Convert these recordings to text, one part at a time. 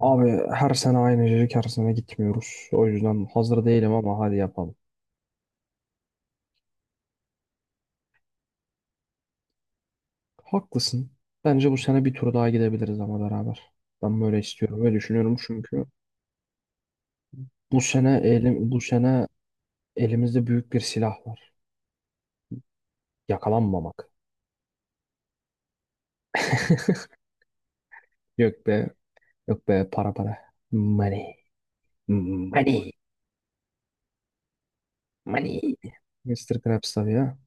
Abi her sene aynı cacık her sene gitmiyoruz. O yüzden hazır değilim ama hadi yapalım. Haklısın. Bence bu sene bir tur daha gidebiliriz ama beraber. Ben böyle istiyorum ve düşünüyorum çünkü bu sene elimizde büyük bir silah var. Yakalanmamak. Yok be, yok be para para. Money. Money. Money. Mister Krabs tabii ya.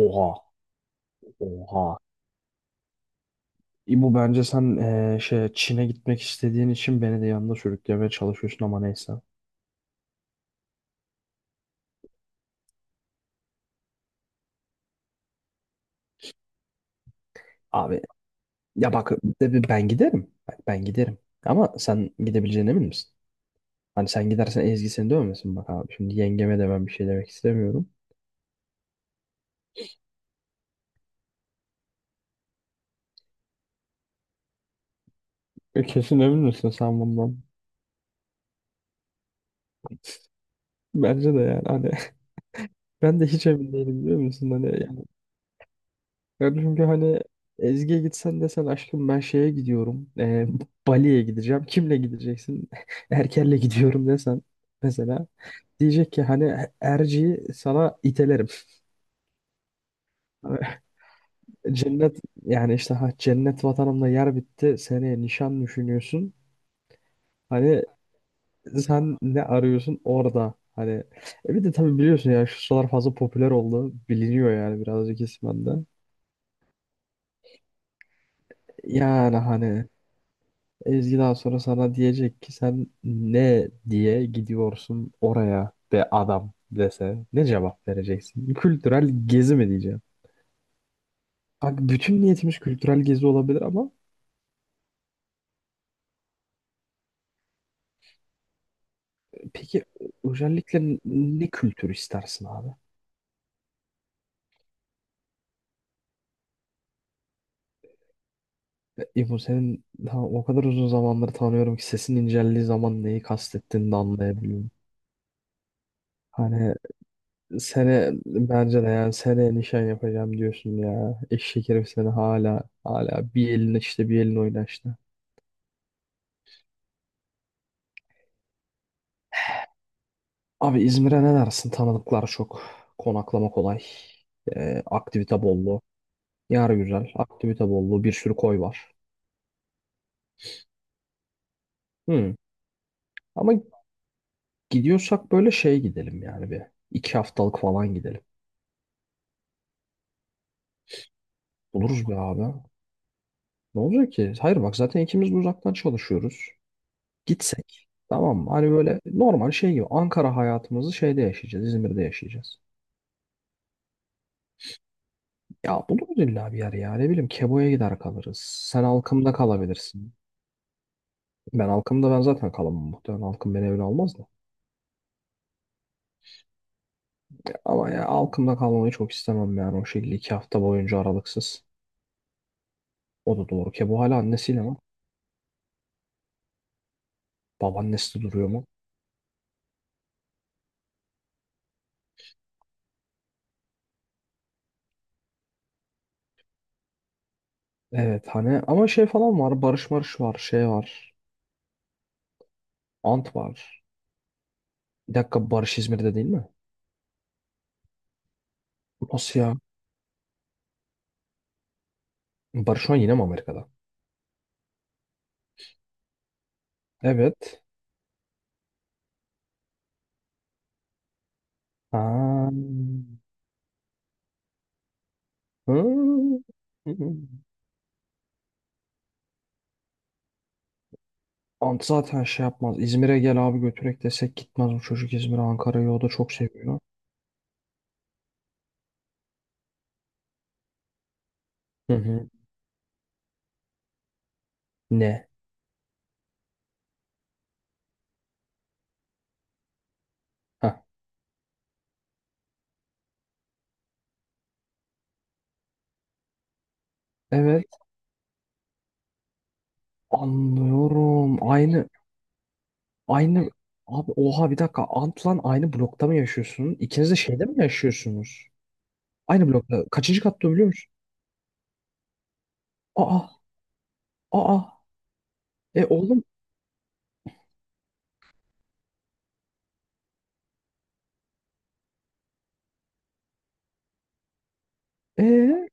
Oha. Oha. Bu bence sen şey Çin'e gitmek istediğin için beni de yanında sürüklemeye çalışıyorsun ama neyse. Abi, ya bak, ben giderim. Bak, ben giderim. Ama sen gidebileceğine emin misin? Hani sen gidersen Ezgi seni dövmesin bak abi. Şimdi yengeme de ben bir şey demek istemiyorum. Kesin emin misin sen bundan? Bence de yani hani ben de hiç emin değilim biliyor musun? Hani yani, ben çünkü hani Ezgi'ye gitsen desen aşkım ben şeye gidiyorum. Bali'ye gideceğim. Kimle gideceksin? Erker'le gidiyorum desen mesela. Diyecek ki hani Erci'yi sana itelerim. Cennet yani işte ha cennet vatanımda yer bitti. Seneye nişan düşünüyorsun. Hani sen ne arıyorsun orada? Hani bir de tabii biliyorsun ya şu sıralar fazla popüler oldu. Biliniyor yani birazcık ismen de. Yani hani Ezgi daha sonra sana diyecek ki sen ne diye gidiyorsun oraya be adam dese ne cevap vereceksin? Kültürel gezi mi diyeceğim? Bak bütün niyetimiz kültürel gezi olabilir ama peki özellikle ne kültür istersin abi? İbo senin ha, o kadar uzun zamandır tanıyorum ki sesin inceldiği zaman neyi kastettiğini de anlayabiliyorum. Hani sene bence de yani seneye nişan yapacağım diyorsun ya. Eşek herif seni hala hala bir elin işte bir elin oyna işte. Abi İzmir'e ne dersin? Tanıdıklar çok. Konaklama kolay. Aktivite bollu. Yer güzel. Aktivite bollu. Bir sürü koy var. Hmm. Ama gidiyorsak böyle şey gidelim yani bir. İki haftalık falan gidelim. Buluruz be abi. Ne olacak ki? Hayır bak zaten ikimiz de uzaktan çalışıyoruz. Gitsek tamam mı? Hani böyle normal şey gibi Ankara hayatımızı şeyde yaşayacağız. İzmir'de yaşayacağız. Ya buluruz illa bir yer ya. Ne bileyim Kebo'ya gider kalırız. Sen Alkım'da kalabilirsin. Ben Alkım'da ben zaten kalamam muhtemelen. Alkım beni evine almaz da. Ama ya Alkım'da kalmayı çok istemem yani o şekilde iki hafta boyunca aralıksız. O da doğru. Kebo hala annesiyle mi? Babaannesi de duruyor mu? Evet hani ama şey falan var. Barış var. Şey var. Ant var. Bir dakika Barış İzmir'de değil mi? Asya, ya? Barış şu an yine mi Amerika'da? Evet. Ha. Hı. Ant zaten şey yapmaz. İzmir'e gel abi götürek desek gitmez bu çocuk İzmir'e Ankara'yı o da çok seviyor. Hı hı. Ne? Ha. Evet. Anlıyorum. Aynı abi oha bir dakika Ant'la aynı blokta mı yaşıyorsun? İkiniz de şeyde mi yaşıyorsunuz? Aynı blokta. Kaçıncı katta biliyor musun? Aa. Aa. E oğlum. E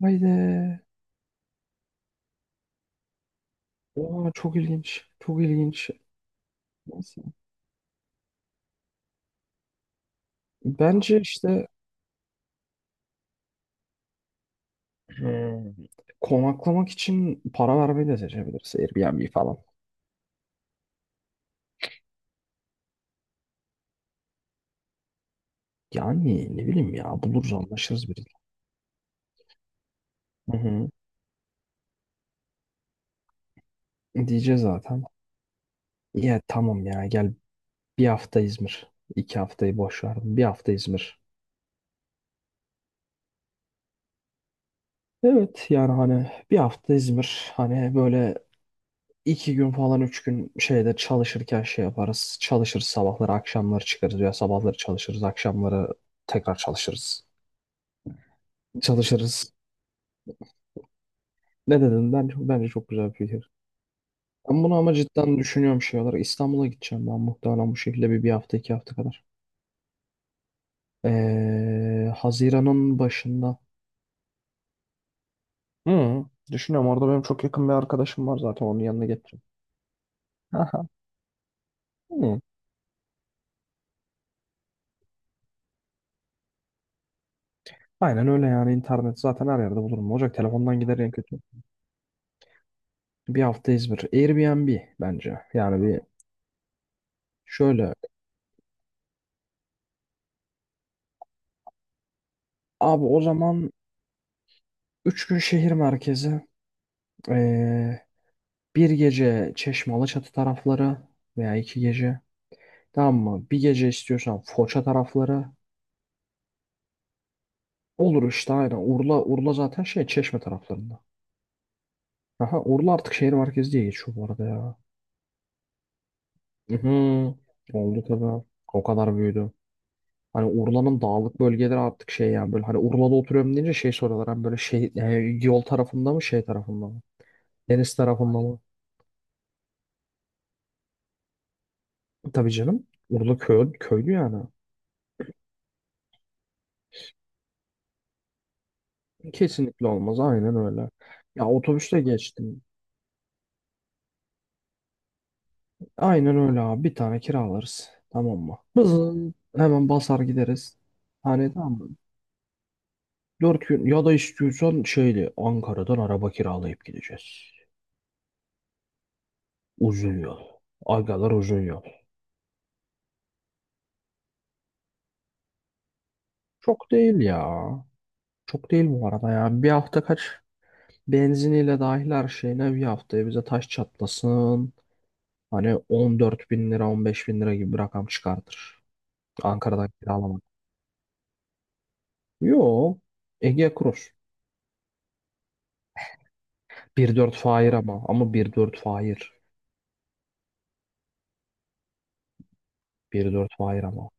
haydi. Oha çok ilginç. Çok ilginç. Neyse. Bence işte hmm, konaklamak için para vermeyi de seçebiliriz. Airbnb falan. Yani ne bileyim ya buluruz anlaşırız biriyle. Hı hı. Diyeceğiz zaten. Ya tamam ya gel bir hafta İzmir. İki haftayı boş ver. Bir hafta İzmir. Evet yani hani bir hafta İzmir. Hani böyle iki gün falan üç gün şeyde çalışırken şey yaparız. Çalışırız sabahları akşamları çıkarız. Ya sabahları çalışırız akşamları tekrar çalışırız. Çalışırız. Ne dedin? Bence çok güzel bir fikir. Ben bunu ama cidden düşünüyorum şey olarak. İstanbul'a gideceğim ben muhtemelen bu şekilde bir hafta iki hafta kadar. Haziran'ın başında. Hı, düşünüyorum orada benim çok yakın bir arkadaşım var zaten onun yanına getiririm. Aha. Hı. Aynen öyle yani internet zaten her yerde bulurum. Olacak telefondan gider en kötü. Bir hafta İzmir. Airbnb bence. Yani bir şöyle. Abi o zaman 3 gün şehir merkezi. ee, bir gece Çeşme Alaçatı tarafları veya iki gece. Tamam mı? Bir gece istiyorsan Foça tarafları. Olur işte aynen. Urla zaten şey Çeşme taraflarında. Aha, Urla artık şehir merkezi diye geçiyor bu arada ya. Hı. Oldu tabii. O kadar büyüdü. Hani Urla'nın dağlık bölgeleri artık şey yani böyle hani Urla'da oturuyorum deyince şey soruyorlar. Hani böyle şey yol tarafında mı şey tarafında mı? Deniz tarafında mı? Tabii canım. Urla köy, köylü yani. Kesinlikle olmaz. Aynen öyle. Ya otobüste geçtim. Aynen öyle abi. Bir tane kiralarız. Tamam mı? Bızın hemen basar gideriz. Hani tamam mı? Dört gün ya da istiyorsan şeyli Ankara'dan araba kiralayıp gideceğiz. Uzun yol. Agalar uzun yol. Çok değil ya. Çok değil bu arada ya. Bir hafta kaç benziniyle dahil her şeyine bir haftaya bize taş çatlasın. Hani 14.000 lira 15.000 lira gibi bir rakam çıkartır. Ankara'dan kiralamak. Yo. Ege Cross. 1.4 fair ama. Ama 1.4 fair. 1.4 hayır ama.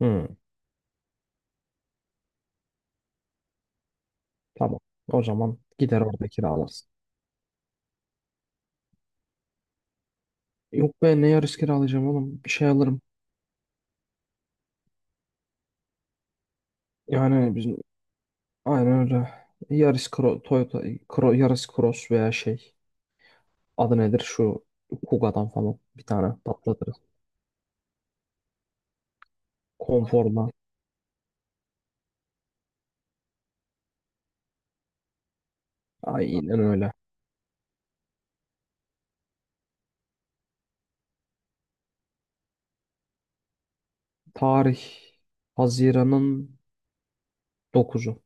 Hı, tamam. O zaman gider orada kiralarsın. Yok be ne Yaris kiralayacağım oğlum. Bir şey alırım. Yani bizim aynen öyle. Yaris Toyota Yaris Cross veya şey. Adı nedir şu Kuga'dan falan bir tane patlatırız. Konforla. Aynen öyle. Tarih Haziran'ın 9'u.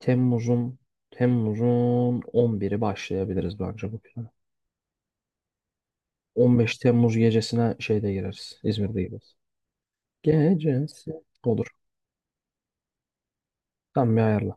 Temmuz'un Temmuz'un 11'i başlayabiliriz bence bu plana. 15 Temmuz gecesine şeyde gireriz. İzmir'de gireriz. Gecesi olur. Tam bir ayarla.